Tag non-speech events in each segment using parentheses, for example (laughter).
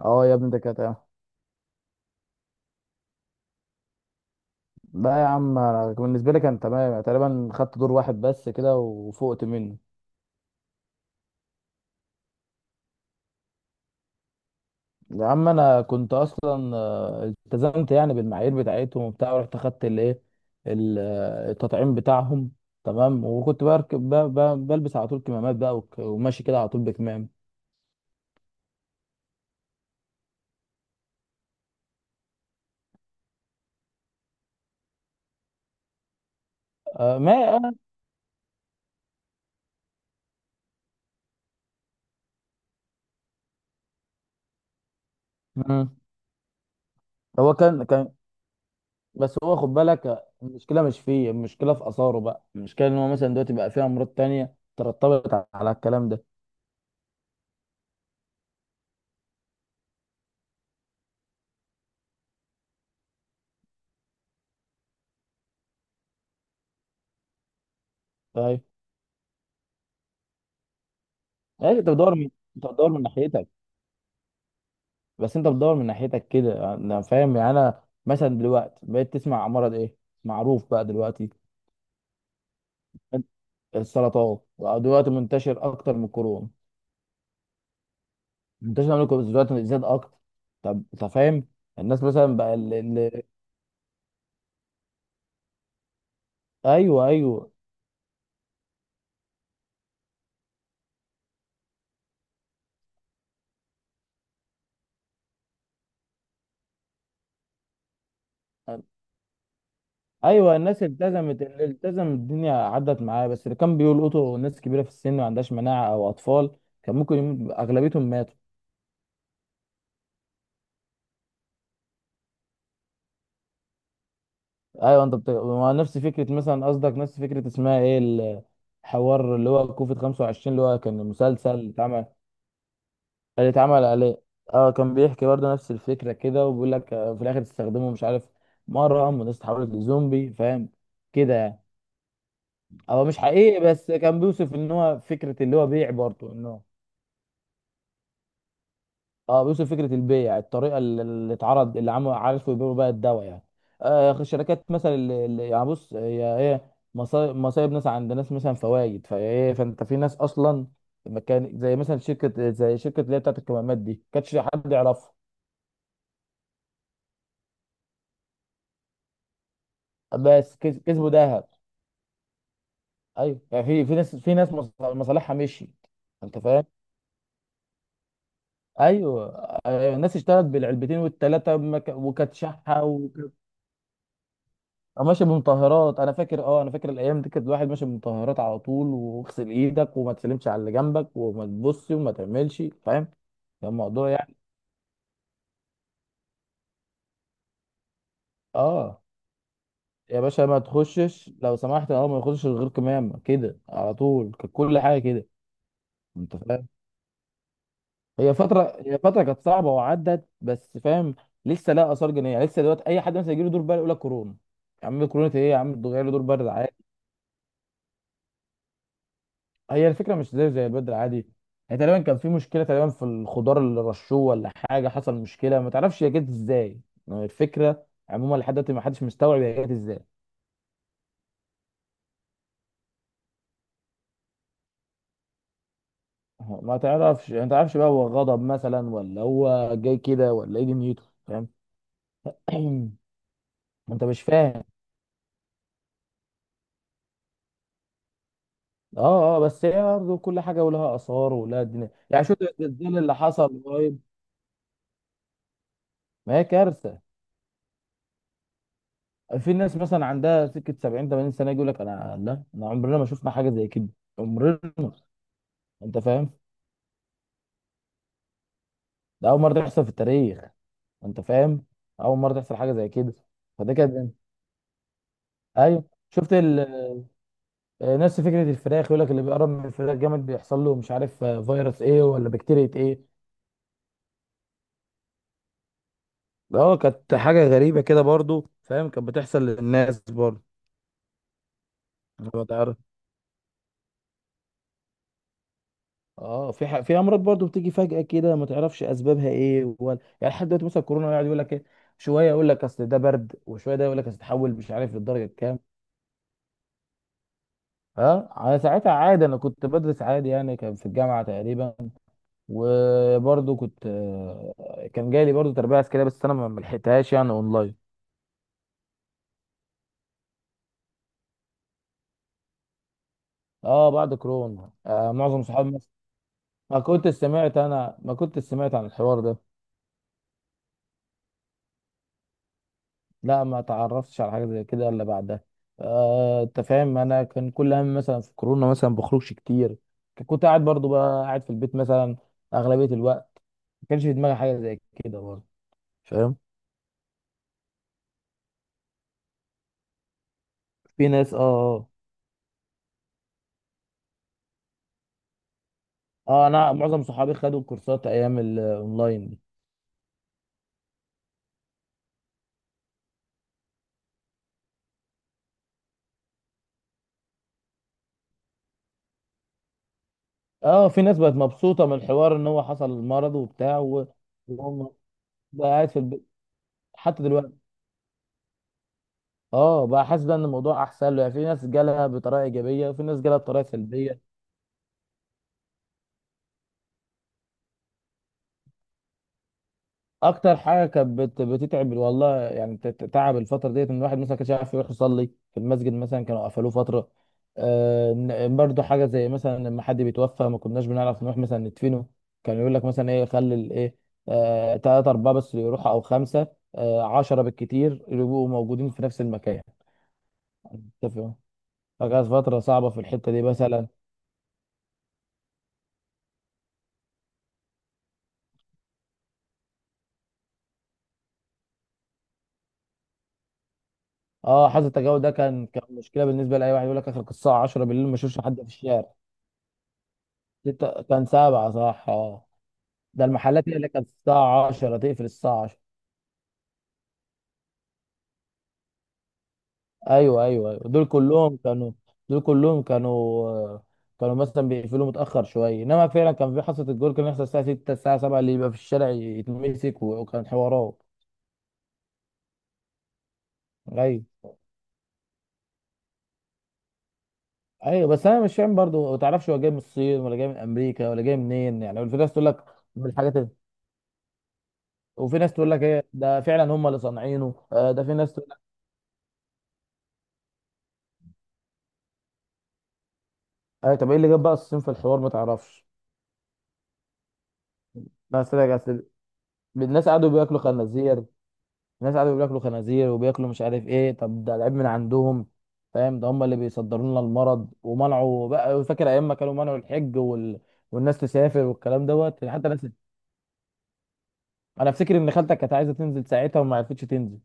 اه يا ابني ده كانت لا يا عم، انا بالنسبه لي كان تمام يعني، تقريبا خدت دور واحد بس كده وفوقت منه. يا عم انا كنت اصلا التزمت يعني بالمعايير بتاعتهم وبتاع، ورحت اخدت الايه التطعيم بتاعهم. تمام، وكنت بركب بلبس على طول كمامات بقى، وماشي كده على طول بكمام. آه، ما مم. هو كان. بس هو خد بالك، المشكله مش فيه، في اثاره بقى، المشكله ان هو مثلا دلوقتي بقى فيه امراض تانية ترتبط على الكلام ده. ماشي انت بتدور من انت بتدور من ناحيتك بس انت بتدور من ناحيتك كده، انا فاهم. يعني انا مثلا دلوقتي بقيت تسمع مرض ايه معروف بقى دلوقتي؟ السرطان بقى دلوقتي منتشر اكتر من الكورونا. منتشر من الكورونا، دلوقتي زاد اكتر. طب انت فاهم؟ الناس مثلا بقى ايوه، ايوه، ايوه. الناس التزمت، اللي التزم الدنيا عدت معاه، بس اللي كان بيلقطوا ناس كبيره في السن ما عندهاش مناعه او اطفال. كان ممكن اغلبيتهم ماتوا. ايوه. انت بت... ما نفس فكره، مثلا قصدك نفس فكره اسمها ايه؟ الحوار اللي هو كوفيد 25، اللي هو كان مسلسل اللي اتعمل، اللي اتعمل عليه. اه كان بيحكي برضه نفس الفكره كده، وبيقول لك في الاخر تستخدمه مش عارف مره، والناس اتحولت لزومبي، فاهم كده يعني. هو مش حقيقي، بس كان بيوصف ان هو فكره اللي هو بيع، برضه ان هو، اه بيوصل فكره البيع، الطريقه اللي اتعرض، اللي عملوا عرفوا يبيعوا بيها الدواء يعني. آه الشركات مثلا اللي يعني بص، هي ايه؟ مصايب ناس عند ناس، مثلا فوايد، فايه، فانت في ناس اصلا مكان زي مثلا شركه اللي هي بتاعت الكمامات دي، كانش حد يعرفها. بس كسبوا ذهب. ايوه، يعني في ناس، في ناس مصالحها مشيت. انت فاهم؟ ايوه. الناس اشتغلت بالعلبتين والثلاثه، وكانت شحه. أو ماشي بمطهرات. انا فاكر الايام دي كانت الواحد ماشي بمطهرات على طول، واغسل ايدك وما تسلمش على اللي جنبك، وما تبصش وما تعملش، فاهم؟ كان الموضوع يعني، اه يا باشا، ما تخشش لو سمحت، اه ما يخشش غير كمام كده على طول، كانت كل حاجه كده. انت فاهم؟ هي فتره كانت صعبه وعدت، بس فاهم، لسه لها اثار جانبيه. يعني لسه دلوقتي اي حد مثلا يجي له دور برد يقول لك كورونا. يا عم كورونا ايه يا عم؟ ده جاي له دور برد. هي الفكره مش زي البدر عادي. يعني تقريبا كان في مشكله، تقريبا في الخضار اللي رشوه ولا حاجه، حصل مشكله ما تعرفش هي جت ازاي. يعني الفكره عموما لحد دلوقتي ما حدش مستوعب هي جت ازاي. ما تعرفش، يعني ما تعرفش بقى، هو غضب مثلا، ولا هو جاي كده، ولا ايه دنيته، فاهم؟ (clears throat) انت مش فاهم. اه، بس هي برضه كل حاجه ولها اثار ولها دنيا. يعني شوف الزلزال اللي حصل قريب. ما هي كارثه. في ناس مثلا عندها سكه 70 80 سنه يقول لك: انا لا، انا عمرنا ما شفنا حاجه زي كده. عمرنا. انت فاهم؟ ده اول مره تحصل في التاريخ. انت فاهم؟ اول مره تحصل حاجه زي كده. فده كانت ايوه. شفت ال... نفس فكره الفراخ، يقول لك اللي بيقرب من الفراخ جامد بيحصل له مش عارف، فيروس ايه ولا بكتيريا ايه. اه كانت حاجه غريبه كده برضو، فاهم، كانت بتحصل للناس برضو. انت ما تعرف. اه في امراض برضو بتيجي فجاه كده ما تعرفش اسبابها ايه ولا. يعني لحد دلوقتي مثلا كورونا يقعد يقول لك ايه. شويه يقول لك اصل ده برد، وشويه ده يقول لك اصل تحول مش عارف للدرجه كام. اه على ساعتها عادي، انا كنت بدرس عادي يعني، كان في الجامعه تقريبا. وبرضه كنت كان جاي لي برضه تربيه عسكريه، بس انا ما لحقتهاش يعني اونلاين. اه بعد كورونا. آه معظم صحابي مثلا. ما كنت سمعت انا ما كنت سمعت عن الحوار ده. لا، ما تعرفتش على حاجه زي كده الا بعدها. آه انت فاهم، انا كان كل هم مثلا في كورونا مثلا بخرجش كتير. كنت قاعد برضه، بقى قاعد في البيت مثلا اغلبيه الوقت. ما كانش في دماغي حاجه زي كده برضه. فاهم. في ناس اه انا معظم صحابي خدوا الكورسات ايام الاونلاين دي. اه في ناس بقت مبسوطه من الحوار، ان هو حصل مرض وبتاع وهم بقى قاعد في البيت حتى دلوقتي. اه بقى حاسس بقى ان الموضوع احسن له. يعني في ناس جالها بطريقه ايجابيه، وفي ناس جالها بطريقه سلبيه. اكتر حاجه كانت بتتعب والله يعني، تعب الفتره ديت ان الواحد مثلا كانش عارف يروح يصلي في المسجد، مثلا كانوا قفلوه فتره. برضو حاجه زي مثلا لما حد بيتوفى ما كناش بنعرف نروح مثلا ندفنه. كان يقول لك مثلا ايه، خلي الايه، تلاتة أربعة بس اللي يروحوا، أو خمسة، عشرة بالكتير اللي يبقوا موجودين في نفس المكان. متفق. فكانت فترة صعبة في الحتة دي مثلا. اه، حظر التجاوز ده كان مشكلة بالنستة لأي واحد. يقول لك آخر الساعة 10 بالليل ما أشوفش حد في الشارع. ستة كان سبعة، صح اه. ده المحلات هي اللي كانت الساعة 10 تقفل، الساعة 10. ايوه، ايوه، ايوه، دول كلهم كانوا، دول كلهم كانوا، كانوا مثلا بيقفلوا متأخر شوية. انما فعلا كان في حصة الجول كان يحصل الساعة 6 الساعة 7، اللي يبقى في الشارع يتمسك، وكان حوارات. ايوه، ايوه. بس انا مش فاهم برضو، ما تعرفش هو جاي من الصين ولا جاي من امريكا ولا جاي منين. يعني في ناس تقول لك من الحاجات ال- وفي ناس تقول لك ايه ده، فعلا هم اللي صانعينه، ده في ناس تقول لك، طب ايه اللي جاب بقى الصين في الحوار، ما تعرفش. ناس. الناس قعدوا بياكلوا خنازير. الناس قعدوا بياكلوا خنازير وبياكلوا مش عارف ايه، طب ده العيب من عندهم، فاهم؟ ده هم اللي بيصدروا لنا المرض. ومنعوا بقى، فاكر ايام ما كانوا منعوا الحج والناس تسافر والكلام دوت يعني، حتى ناس. انا افتكر ان خالتك كانت عايزه تنزل ساعتها وما عرفتش تنزل.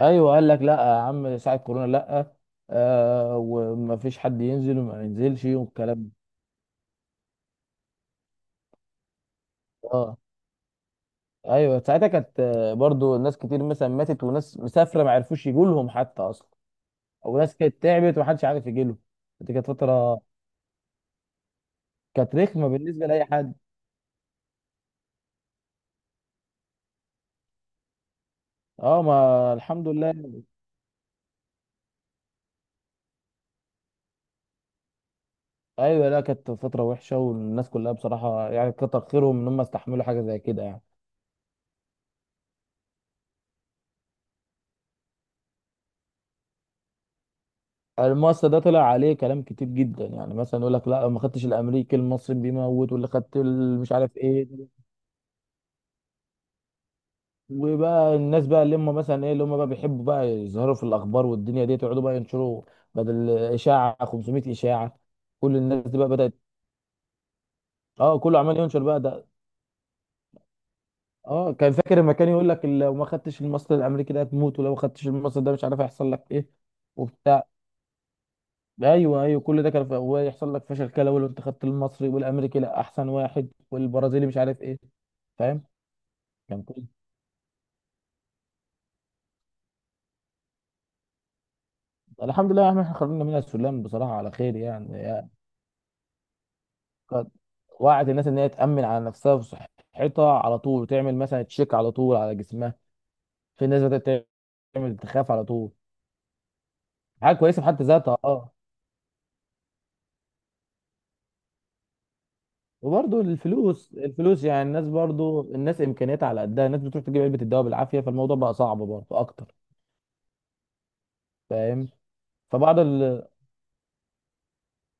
ايوه، قال لك لا يا عم، ساعه كورونا لا. آه وما فيش حد ينزل وما ينزلش والكلام ده. اه. ايوه ساعتها كانت، برضو ناس كتير مثلا ماتت، وناس مسافره ما عرفوش يجوا لهم حتى اصلا. وناس كانت تعبت ومحدش عارف يجي له. دي كانت فتره، كانت رخمه بالنسبه لاي حد. اه ما الحمد لله. ايوه لا كانت فتره وحشه، والناس كلها بصراحه يعني كتر خيرهم ان هم استحملوا حاجه زي كده يعني. المؤسسه ده طلع عليه كلام كتير جدا. يعني مثلا يقول لك لا ما خدتش الامريكي، المصري بيموت، واللي خدت مش عارف ايه. وبقى الناس بقى اللي هم مثلا ايه، اللي هم بقى بيحبوا بقى يظهروا في الاخبار والدنيا دي، يقعدوا بقى ينشروا بدل اشاعه 500 اشاعه. كل الناس دي بقى بدات. اه كله عمال ينشر بقى ده. اه كان فاكر لما كان يقول لك لو ما خدتش الماستر الامريكي ده هتموت، ولو ما خدتش الماستر ده مش عارف هيحصل لك ايه وبتاع. ايوه، ايوه، كل ده كان ويحصل لك فشل كلوي لو انت خدت المصري، والامريكي لا احسن واحد، والبرازيلي مش عارف ايه، فاهم؟ كان كل الحمد لله يا عم، احنا خرجنا منها السلم بصراحه على خير يعني، قد- وعد الناس ان هي تامن على نفسها وصحتها على طول، وتعمل مثلا تشيك على طول على جسمها. في ناس بدات تعمل تخاف على طول. حاجه كويسه في حد ذاتها، اه. وبرضه الفلوس، الناس امكانياتها على قدها، الناس بتروح تجيب علبه الدواء بالعافيه، فالموضوع بقى صعب برضه اكتر. فاهم. فبعض ال...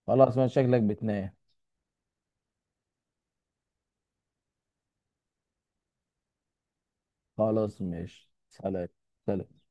خلاص، ما شكلك بتنام. خلاص ماشي، سلام. سلام.